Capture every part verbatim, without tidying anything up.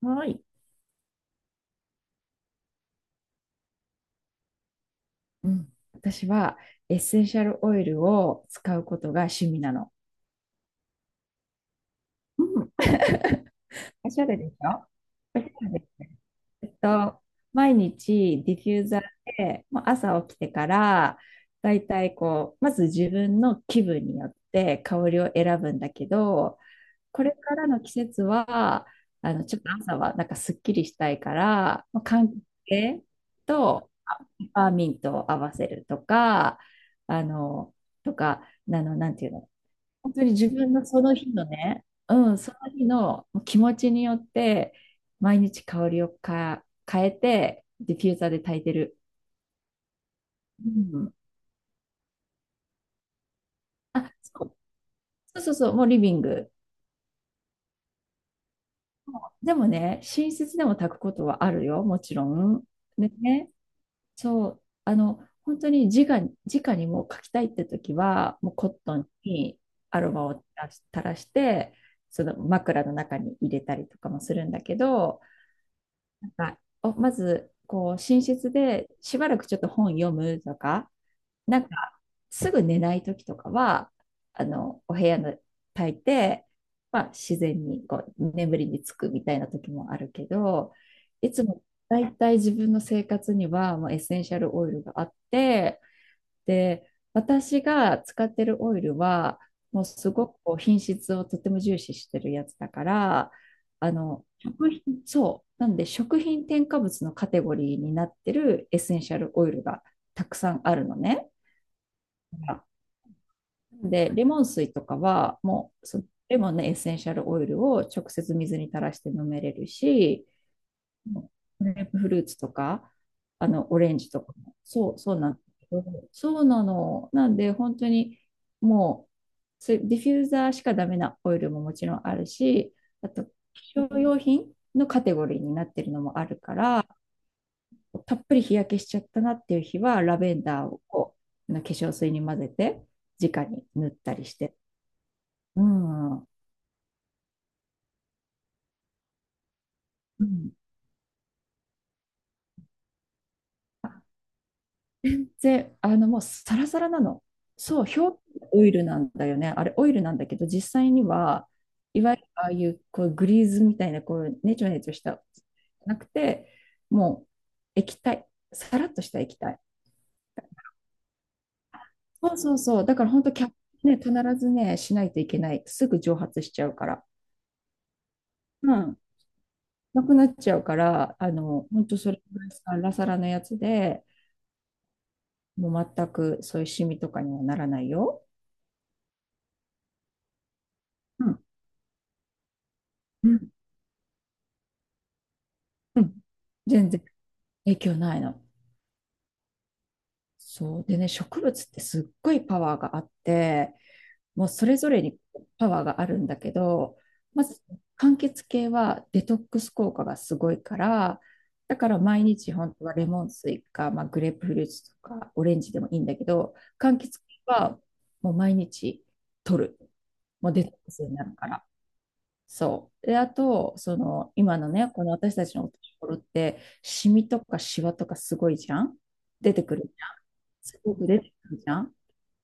はい。うん、私はエッセンシャルオイルを使うことが趣味なの。うん。おしゃれでしょ？おしゃれ。えっと、毎日ディフューザーで、もう朝起きてから、だいたいこう、まず自分の気分によって香りを選ぶんだけど、これからの季節は、あの、ちょっと朝はなんかすっきりしたいから、まあ、柑橘系と、パーミントを合わせるとか、あの、とか、あの、なんていうの、本当に自分のその日のね、うん、その日の気持ちによって、毎日香りをか変えて、ディフューザーで炊いてる。うん。あ、そうそうそうそう、もうリビング。でもね、寝室でも炊くことはあるよ、もちろん。ね、そう、あの、本当に直に、直にもう書きたいって時は、もうコットンにアロマを垂らし垂らして、その枕の中に入れたりとかもするんだけど、なんかおまず、こう、寝室でしばらくちょっと本読むとか、なんか、すぐ寝ない時とかは、あの、お部屋の炊いて、まあ、自然にこう眠りにつくみたいな時もあるけど、いつもだいたい自分の生活にはもうエッセンシャルオイルがあって、で、私が使ってるオイルは、もうすごくこう品質をとても重視してるやつだから、あの、食品、そう、なんで食品添加物のカテゴリーになってるエッセンシャルオイルがたくさんあるのね。で、レモン水とかは、もうそ、レモンのエッセンシャルオイルを直接水に垂らして飲めれるし、グレープフルーツとか、あの、オレンジとかも、そう、そうなんそうなの。なんで、本当にもう、そういうディフューザーしかダメなオイルももちろんあるし、あと、化粧用品のカテゴリーになってるのもあるから、たっぷり日焼けしちゃったなっていう日は、ラベンダーをこうあの化粧水に混ぜて、直に塗ったりして。うん。うん。で、あの、もうサラサラなの。そう、表面オイルなんだよね。あれ、オイルなんだけど、実際には、いわゆるああいう、こう、グリーズみたいな、こう、ネチョネチョした、なくて、もう、液体。さらっとした液体。そうそうそう。だから本当キャップね、必ずね、しないといけない。すぐ蒸発しちゃうから。うん。なくなっちゃうから、あの、本当それぐらいサラサラのやつで、もう全くそういうシミとかにはならないよ。うん、うん、全然影響ないの。そう。でね、植物ってすっごいパワーがあって、もうそれぞれにパワーがあるんだけど、まず、柑橘系はデトックス効果がすごいから、だから毎日本当はレモン水か、まあ、グレープフルーツとかオレンジでもいいんだけど、柑橘系はもう毎日取る。もうデトックスになるから。そう。で、あと、その、今のね、この私たちのお年頃って、シミとかシワとかすごいじゃん。出てくるじゃん。すごく出てくるじゃん。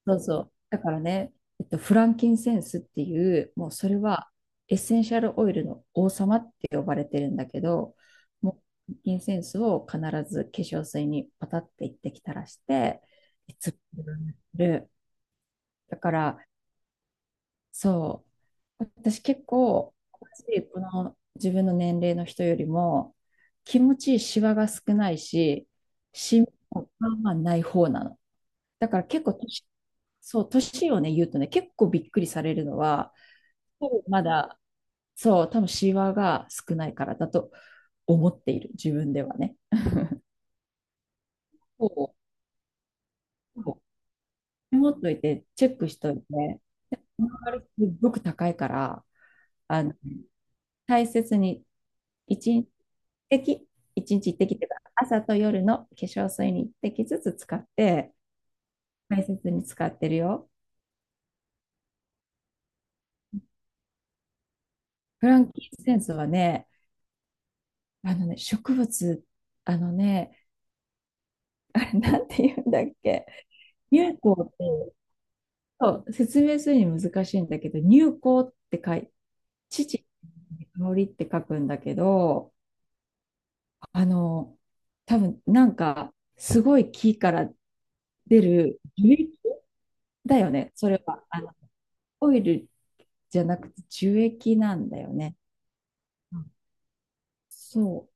そうそう。だからね、えっと、フランキンセンスっていう、もうそれはエッセンシャルオイルの王様って呼ばれてるんだけど、もう、フランキンセンスを必ず化粧水にパタっていってきたらして、いつも塗る。だから、そう。私結構、この自分の年齢の人よりも、気持ちいいシワが少ないし、シミもまあまあない方なの。だから結構年、そう、年をね、言うとね、結構びっくりされるのは、多分まだ、そう、多分シワが少ないからだと思っている、自分ではね。そうそう、持っといて、チェックしといて、周りすっごく高いから、あの、大切に、1日滴、いちにちいってきっていうか、朝と夜の化粧水にいってきずつ使って、大切に使ってるよ。フランキーセンスはね、あのね、植物、あのね、あれなんて言うんだっけ、乳香って、そう、説明するに難しいんだけど、乳香って書い、乳、香りって書くんだけど、あの、多分なんか、すごい木から出る樹液だよね、それは。あの、オイルじゃなくて樹液なんだよね。うん、そう、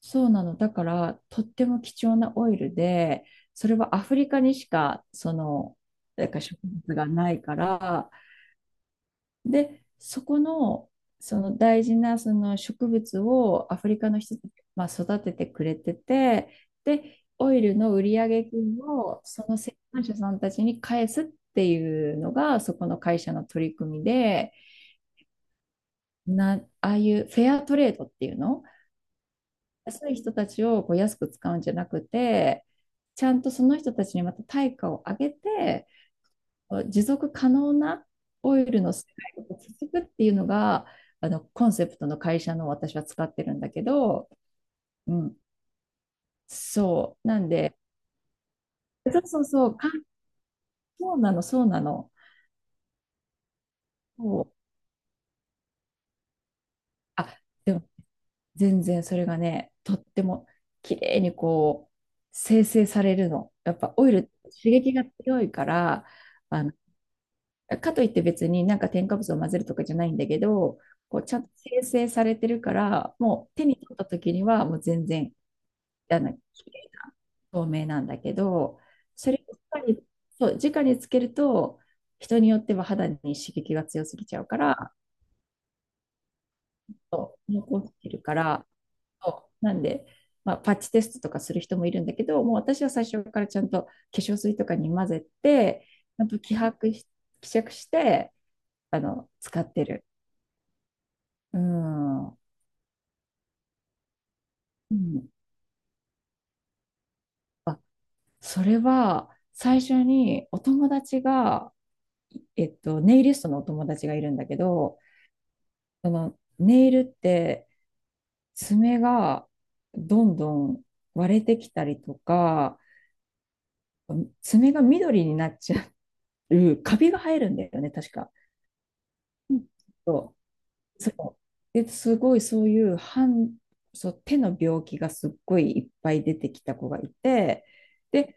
そうなの。だから、とっても貴重なオイルで、それはアフリカにしか、その、なんか植物がないから、で、そこの、その大事なその植物をアフリカの人たちが、まあ、育ててくれてて、で、オイルの売上金をその生産者さんたちに返すっていうのが、そこの会社の取り組みで、な、ああいうフェアトレードっていうの、安い人たちをこう安く使うんじゃなくて、ちゃんとその人たちにまた対価を上げて、持続可能なオイルの世界を続くっていうのが、あのコンセプトの会社の私は使ってるんだけど、うん、そう。なんで、そうそうそう、かそうなの、そうなの。そう、あ、でも全然それがね、とっても綺麗にこう、生成されるの。やっぱオイルって刺激が強いから、あのかといって別になんか添加物を混ぜるとかじゃないんだけど、こうちゃんと生成されてるから、もう手に取った時にはもう全然あの透明なんだけど、それを直に、そう直につけると、人によっては肌に刺激が強すぎちゃうから、そう残ってるから、そう、なんで、まあ、パッチテストとかする人もいるんだけど、もう私は最初からちゃんと化粧水とかに混ぜて、ちゃんと希薄し希釈してあの使ってる。うん、うん、あ、それは最初にお友達が、えっと、ネイリストのお友達がいるんだけど、そのネイルって爪がどんどん割れてきたりとか、爪が緑になっちゃう、カビが生えるんだよね、確か。うん、そう、そう。で、すごいそういう半、そう、手の病気がすっごいいっぱい出てきた子がいて、で、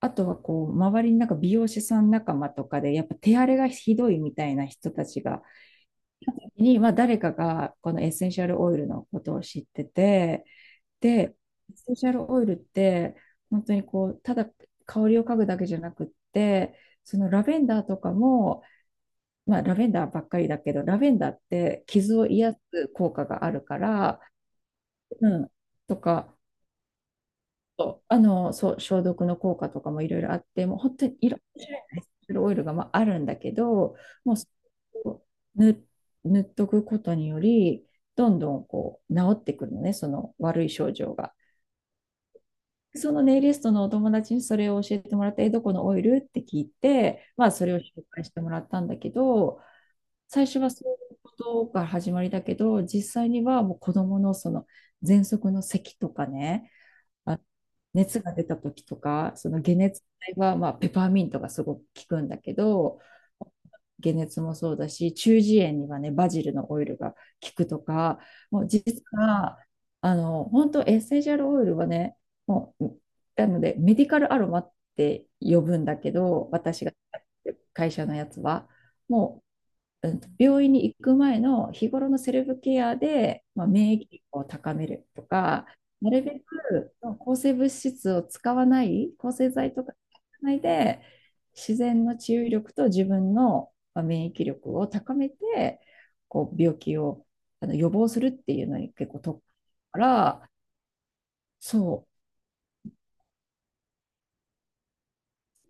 あとはこう、周りになんか美容師さん仲間とかで、やっぱ手荒れがひどいみたいな人たちが、に、まあ誰かがこのエッセンシャルオイルのことを知ってて、で、エッセンシャルオイルって、本当にこう、ただ香りを嗅ぐだけじゃなくって、そのラベンダーとかも、まあラベンダーばっかりだけど、ラベンダーって傷を癒す効果があるから、うん、とか、そう、あの、そう、消毒の効果とかもいろいろあって、もう本当にいろんな種類のエッセンシャルオイルがまああるんだけど、もうそれを塗、塗っとくことにより、どんどんこう治ってくるのね、その悪い症状が。そのネイリストのお友達にそれを教えてもらって、え、どこのオイルって聞いて、まあ、それを紹介してもらったんだけど、最初はそういうことが始まりだけど、実際にはもう子供のその喘息の咳とかね、あ、熱が出た時とか、その解熱剤は、まあ、ペパーミントがすごく効くんだけど、解熱もそうだし、中耳炎にはね、バジルのオイルが効くとか、もう実は、あの、本当エッセンシャルオイルはね、もう、なので、メディカルアロマって呼ぶんだけど、私が会社のやつは、もううん病院に行く前の日頃のセルフケアで、まあ、免疫力を高めるとか、なるべく抗生物質を使わない、抗生剤とか使わないで、自然の治癒力と自分の免疫力を高めて、こう病気をあの予防するっていうのに結構特化から、そ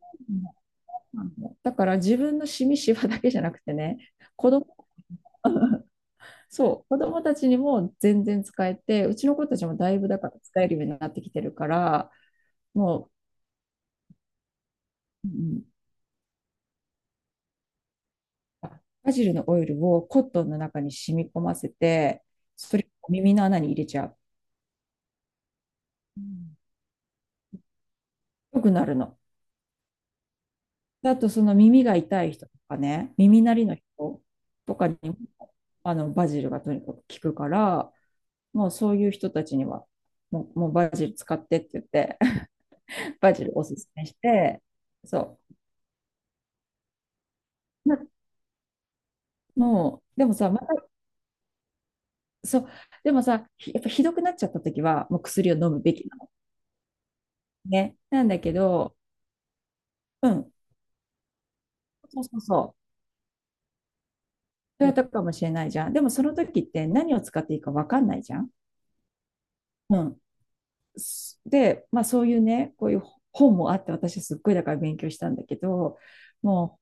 う。だから自分のシミシワだけじゃなくてね、子供 そう、子供たちにも全然使えて、うちの子たちもだいぶだから使えるようになってきてるから、もう、うん、あ、バジルのオイルをコットンの中に染み込ませて、それを耳の穴に入れちゃう。うん、よくなるの。であと、その耳が痛い人とかね、耳鳴りの人とかにも、あの、バジルがとにかく効くから、もうそういう人たちには、もう、もうバジル使ってって言って、バジルおすすめして、そう。なもう、でもさ、また、そう。でもさ、ひやっぱひどくなっちゃった時は、もう薬を飲むべきなの。ね。なんだけど、うん。そうそうそう。そうやったかもしれないじゃん。でもその時って何を使っていいかわかんないじゃん。うん。すで、まあそういうね、こういう本もあって、私すっごいだから勉強したんだけど、も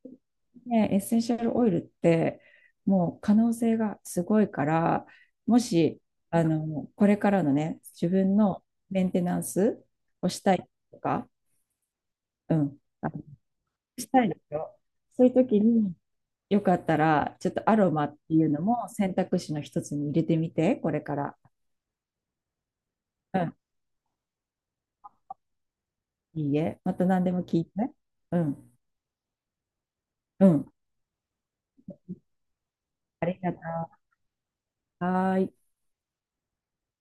う、ね、エッセンシャルオイルって、もう可能性がすごいから、もし、あの、これからのね、自分のメンテナンスをしたいとか、うん。したいんですよ。そういう時に、よかったら、ちょっとアロマっていうのも選択肢の一つに入れてみて、これから。うん。いいえ。また何でも聞いて。うん。うん。ありがとう。はーい。